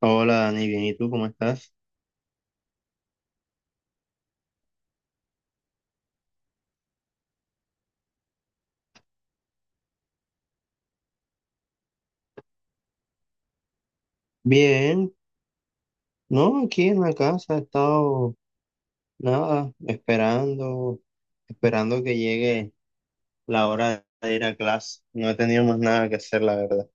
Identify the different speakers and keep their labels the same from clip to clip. Speaker 1: Hola Dani, bien, ¿y tú cómo estás? Bien, no, aquí en la casa he estado nada, esperando, esperando que llegue la hora de ir a clase. No he tenido más nada que hacer, la verdad.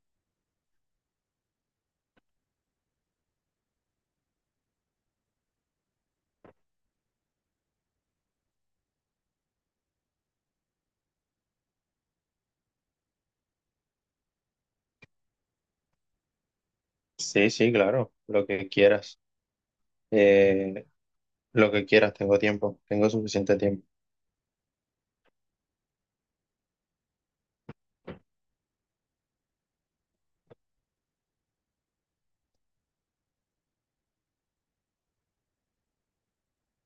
Speaker 1: Sí, sí, claro, lo que quieras. Eh, lo que quieras, tengo tiempo, tengo suficiente tiempo.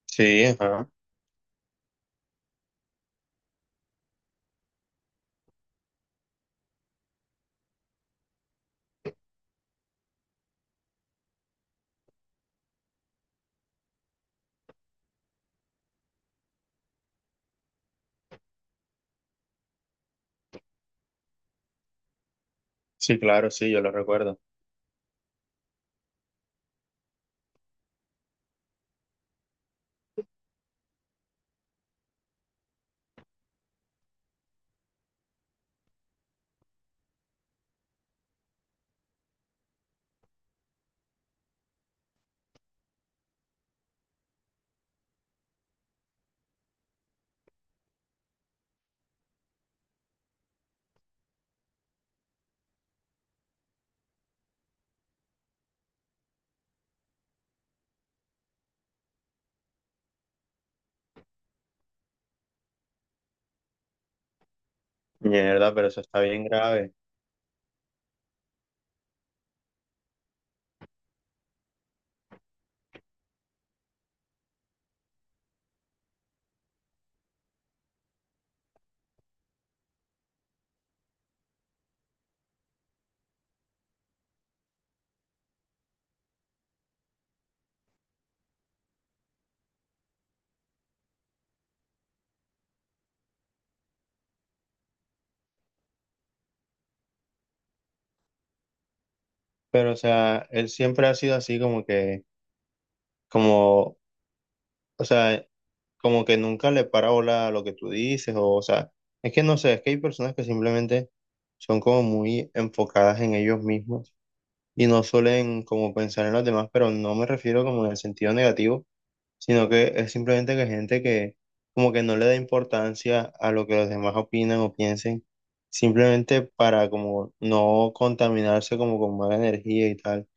Speaker 1: Sí, ajá. Sí, claro, sí, yo lo recuerdo. Mierda, pero eso está bien grave. Pero, o sea, él siempre ha sido así como que, como o sea, como que nunca le para bola a lo que tú dices, o sea, es que no sé, es que hay personas que simplemente son como muy enfocadas en ellos mismos y no suelen como pensar en los demás, pero no me refiero como en el sentido negativo, sino que es simplemente que gente que como que no le da importancia a lo que los demás opinan o piensen, simplemente para como no contaminarse como con mala energía y tal.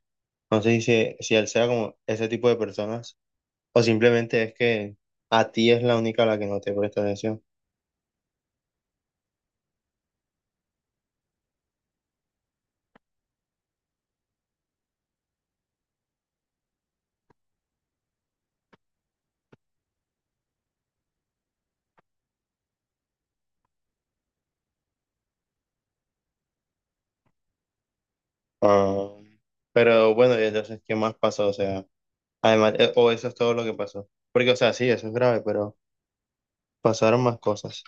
Speaker 1: No sé si él sea como ese tipo de personas. O simplemente es que a ti es la única a la que no te presta atención. Ah, pero bueno, y entonces, ¿qué más pasó? O sea, además, o eso es todo lo que pasó. Porque, o sea, sí, eso es grave, pero pasaron más cosas.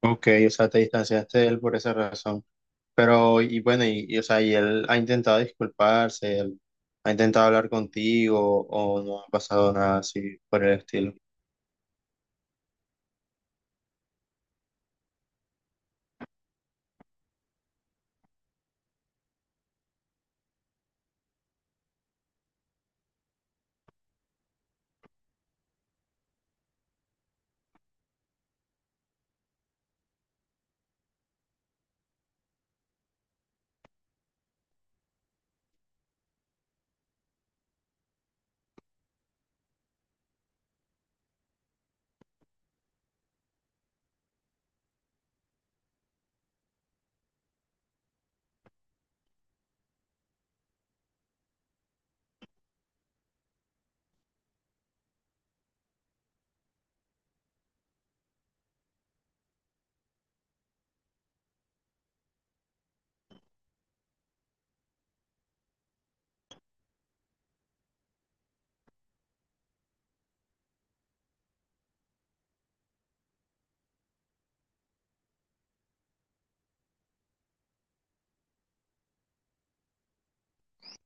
Speaker 1: Ok, o sea, te distanciaste de él por esa razón. Pero, y bueno, o sea, y él ha intentado disculparse, él ha intentado hablar contigo, o no ha pasado nada así por el estilo.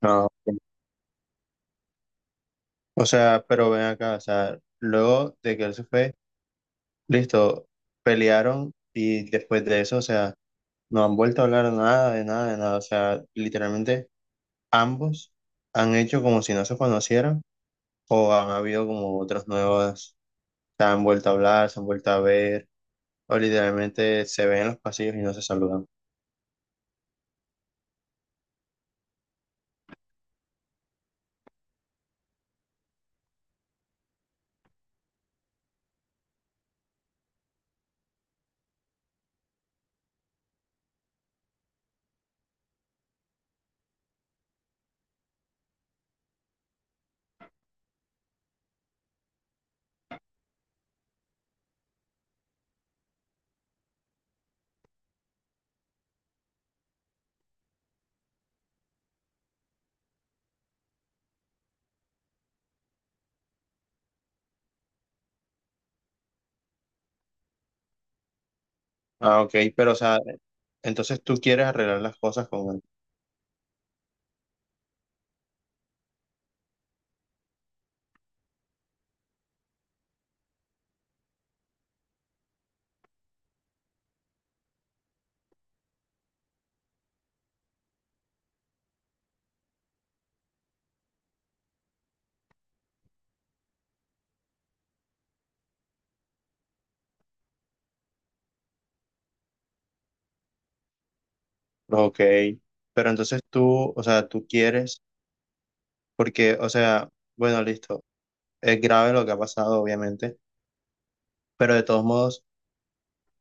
Speaker 1: No. O sea, pero ven acá, o sea, luego de que él se fue. Listo, pelearon y después de eso, o sea, no han vuelto a hablar nada, de nada, de nada. O sea, literalmente ambos han hecho como si no se conocieran o han habido como otras nuevas, se han vuelto a hablar, se han vuelto a ver o literalmente se ven en los pasillos y no se saludan. Ah, ok, pero o sea, entonces tú quieres arreglar las cosas con él. Ok, pero entonces tú, o sea, tú quieres, porque, o sea, bueno, listo, es grave lo que ha pasado, obviamente, pero de todos modos...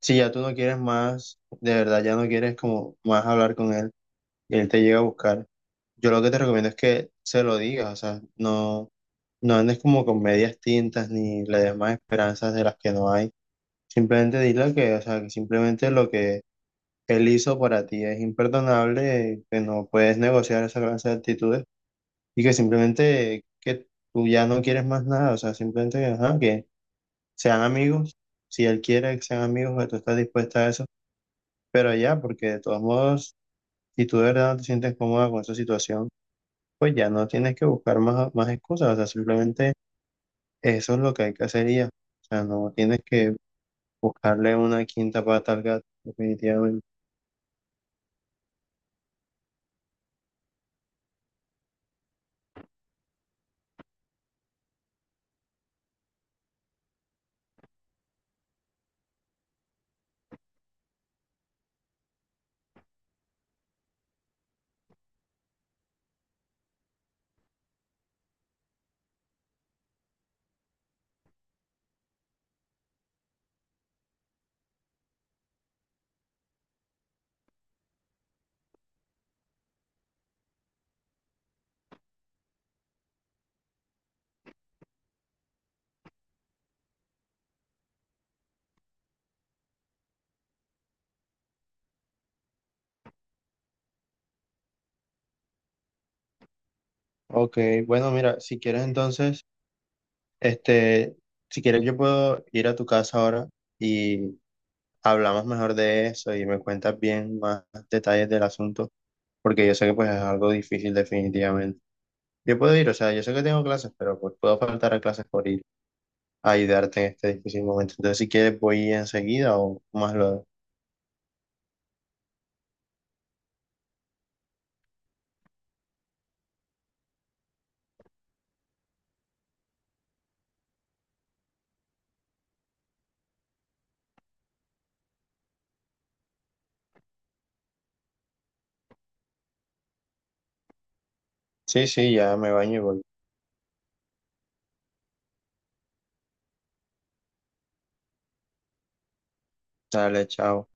Speaker 1: Si ya tú no quieres más, de verdad ya no quieres como más hablar con él y él te llega a buscar, yo lo que te recomiendo es que se lo digas, o sea, no, no andes como con medias tintas ni le des más esperanzas de las que no hay. Simplemente dile que, o sea, que simplemente lo que él hizo para ti es imperdonable, que no puedes negociar esa clase de actitudes y que simplemente que tú ya no quieres más nada, o sea, simplemente que, ajá, que sean amigos, si él quiere que sean amigos, que tú estás dispuesta a eso. Pero ya, porque de todos modos, si tú de verdad no te sientes cómoda con esa situación, pues ya no tienes que buscar más excusas, o sea, simplemente eso es lo que hay que hacer y ya. O sea, no tienes que buscarle una quinta pata al gato, definitivamente. Ok, bueno, mira, si quieres entonces, este, si quieres yo puedo ir a tu casa ahora y hablamos mejor de eso y me cuentas bien más detalles del asunto, porque yo sé que pues es algo difícil definitivamente. Yo puedo ir, o sea, yo sé que tengo clases, pero pues puedo faltar a clases por ir a ayudarte en este difícil momento. Entonces, si quieres, voy enseguida o más luego. Sí, sí, ya me baño y voy. Dale, chao.